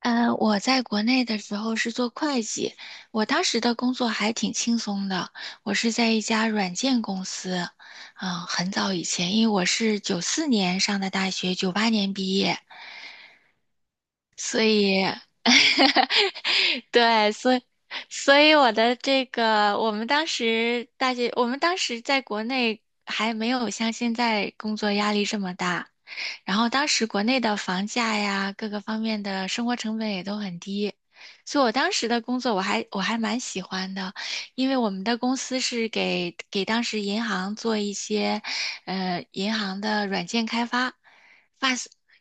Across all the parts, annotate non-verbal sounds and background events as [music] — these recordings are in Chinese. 我在国内的时候是做会计，我当时的工作还挺轻松的。我是在一家软件公司，很早以前，因为我是94年上的大学，98年毕业，所以，[laughs] 对，所以，所以我的这个，我们当时大学，我们当时在国内还没有像现在工作压力这么大，然后当时国内的房价呀，各个方面的生活成本也都很低，所以我当时的工作我还蛮喜欢的，因为我们的公司是给当时银行做一些，银行的软件开发。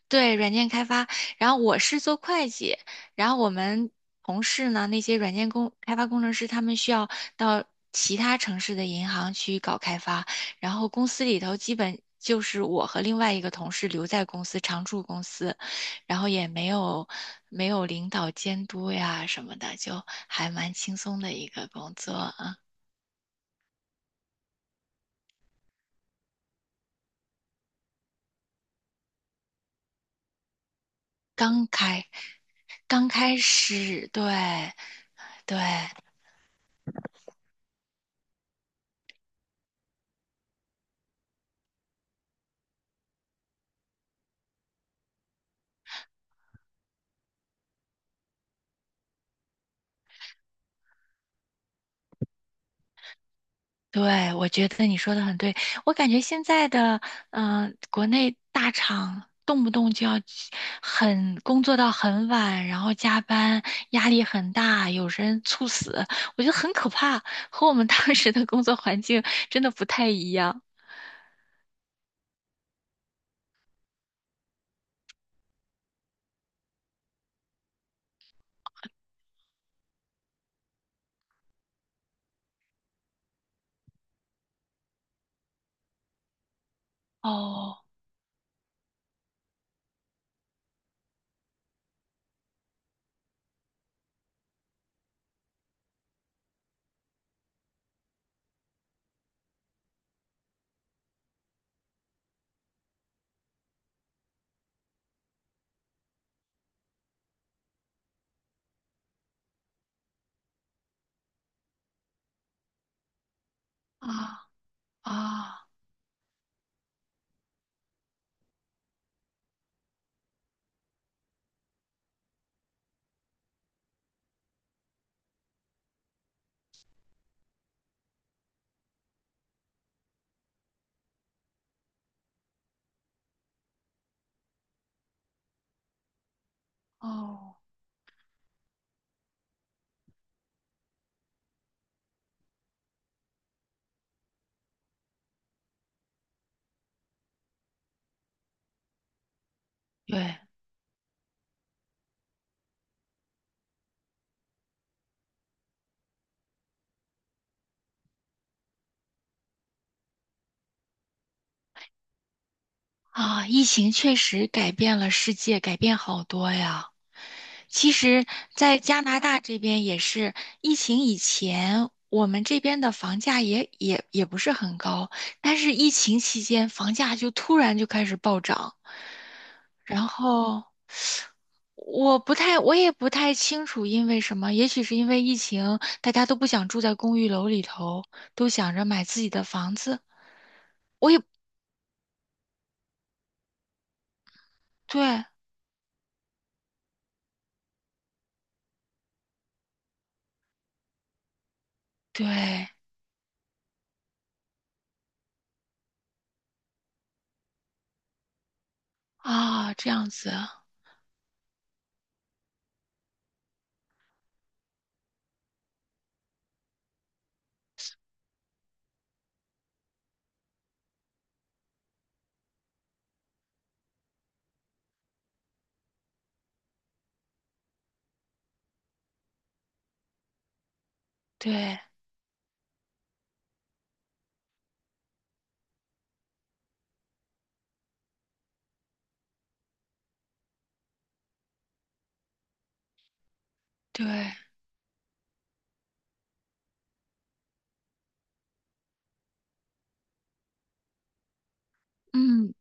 对，软件开发，然后我是做会计，然后我们同事呢，那些软件工开发工程师，他们需要到其他城市的银行去搞开发，然后公司里头基本就是我和另外一个同事留在公司常驻公司，然后也没有没有领导监督呀什么的，就还蛮轻松的一个工作啊。刚开刚开始，对对。对，我觉得你说的很对。我感觉现在的，国内大厂动不动就要很工作到很晚，然后加班，压力很大，有人猝死，我觉得很可怕，和我们当时的工作环境 [laughs] 真的不太一样。哦，啊啊哦，对啊，疫情确实改变了世界，改变好多呀。其实，在加拿大这边也是疫情以前，我们这边的房价也不是很高，但是疫情期间房价就突然就开始暴涨，然后我也不太清楚因为什么，也许是因为疫情，大家都不想住在公寓楼里头，都想着买自己的房子。我也对对啊，这样子，对对，嗯。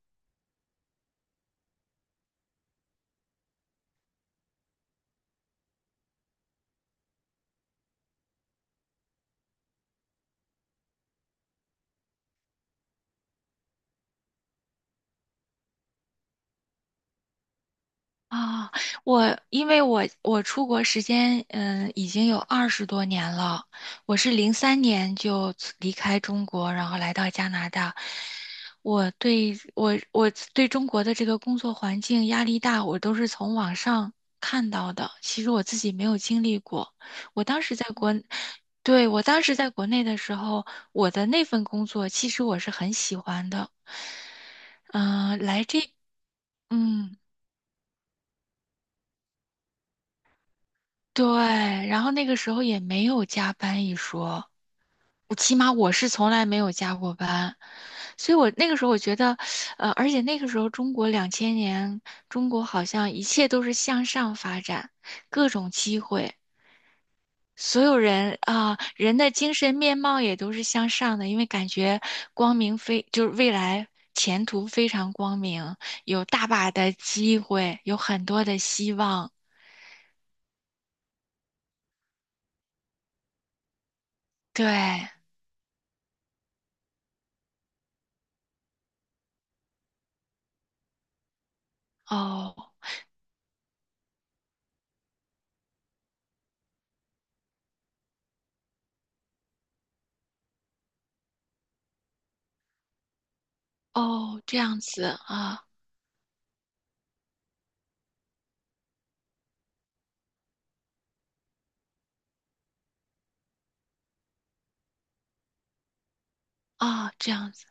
啊，我因为我出国时间已经有20多年了，我是03年离开中国，然后来到加拿大。我对中国的这个工作环境压力大，我都是从网上看到的，其实我自己没有经历过。我当时在国，对，我当时在国内的时候，我的那份工作其实我是很喜欢的。嗯、来这，嗯。对，然后那个时候也没有加班一说，我起码我是从来没有加过班，所以我觉得，而且那个时候中国2000年，中国好像一切都是向上发展，各种机会，所有人啊，人的精神面貌也都是向上的，因为感觉光明非，就是未来前途非常光明，有大把的机会，有很多的希望，对。哦，哦，这样子啊啊，这样子，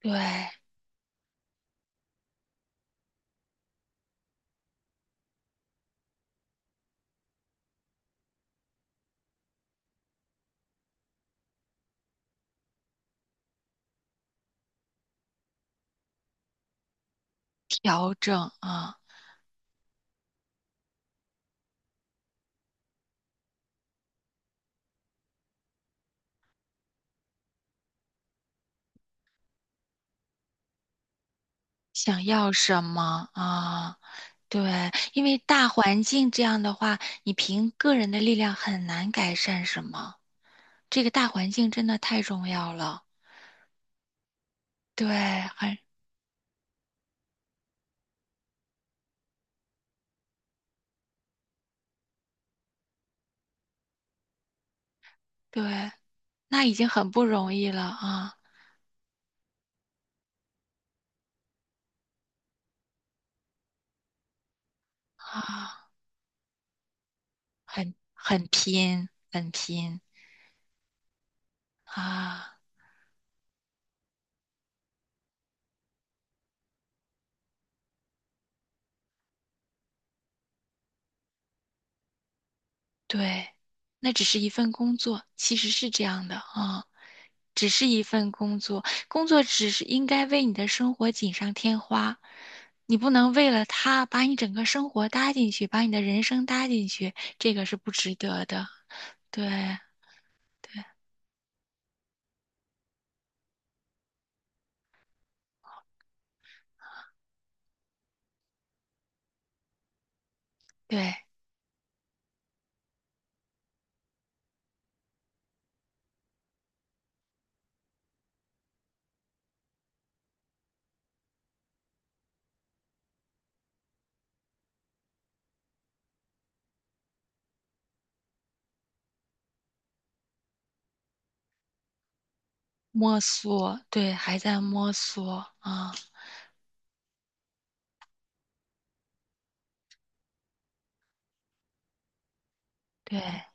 对，调整啊，想要什么啊？对，因为大环境这样的话，你凭个人的力量很难改善什么。这个大环境真的太重要了，对，很对，那已经很不容易了啊啊，很很拼啊。对，那只是一份工作，其实是这样的啊，只是一份工作，工作只是应该为你的生活锦上添花，你不能为了他把你整个生活搭进去，把你的人生搭进去，这个是不值得的。对对，摸索，对，还在摸索啊，对。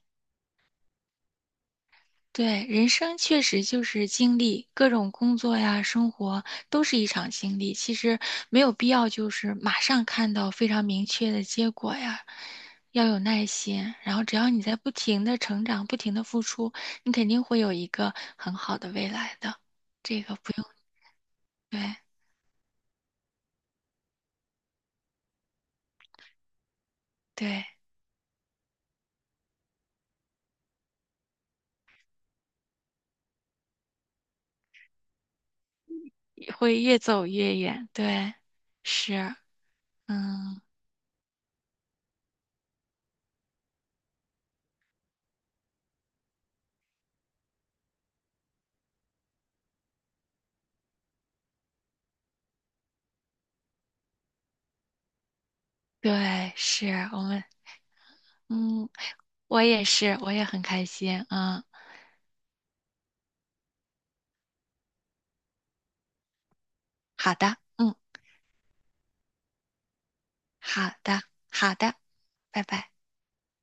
对，人生确实就是经历，各种工作呀、生活都是一场经历。其实没有必要就是马上看到非常明确的结果呀，要有耐心。然后只要你在不停的成长、不停的付出，你肯定会有一个很好的未来的。这个不用，对对，会越走越远。对，是，嗯，对，是我们，嗯，我也是，我也很开心。嗯，好的。嗯。好的，好的，拜拜。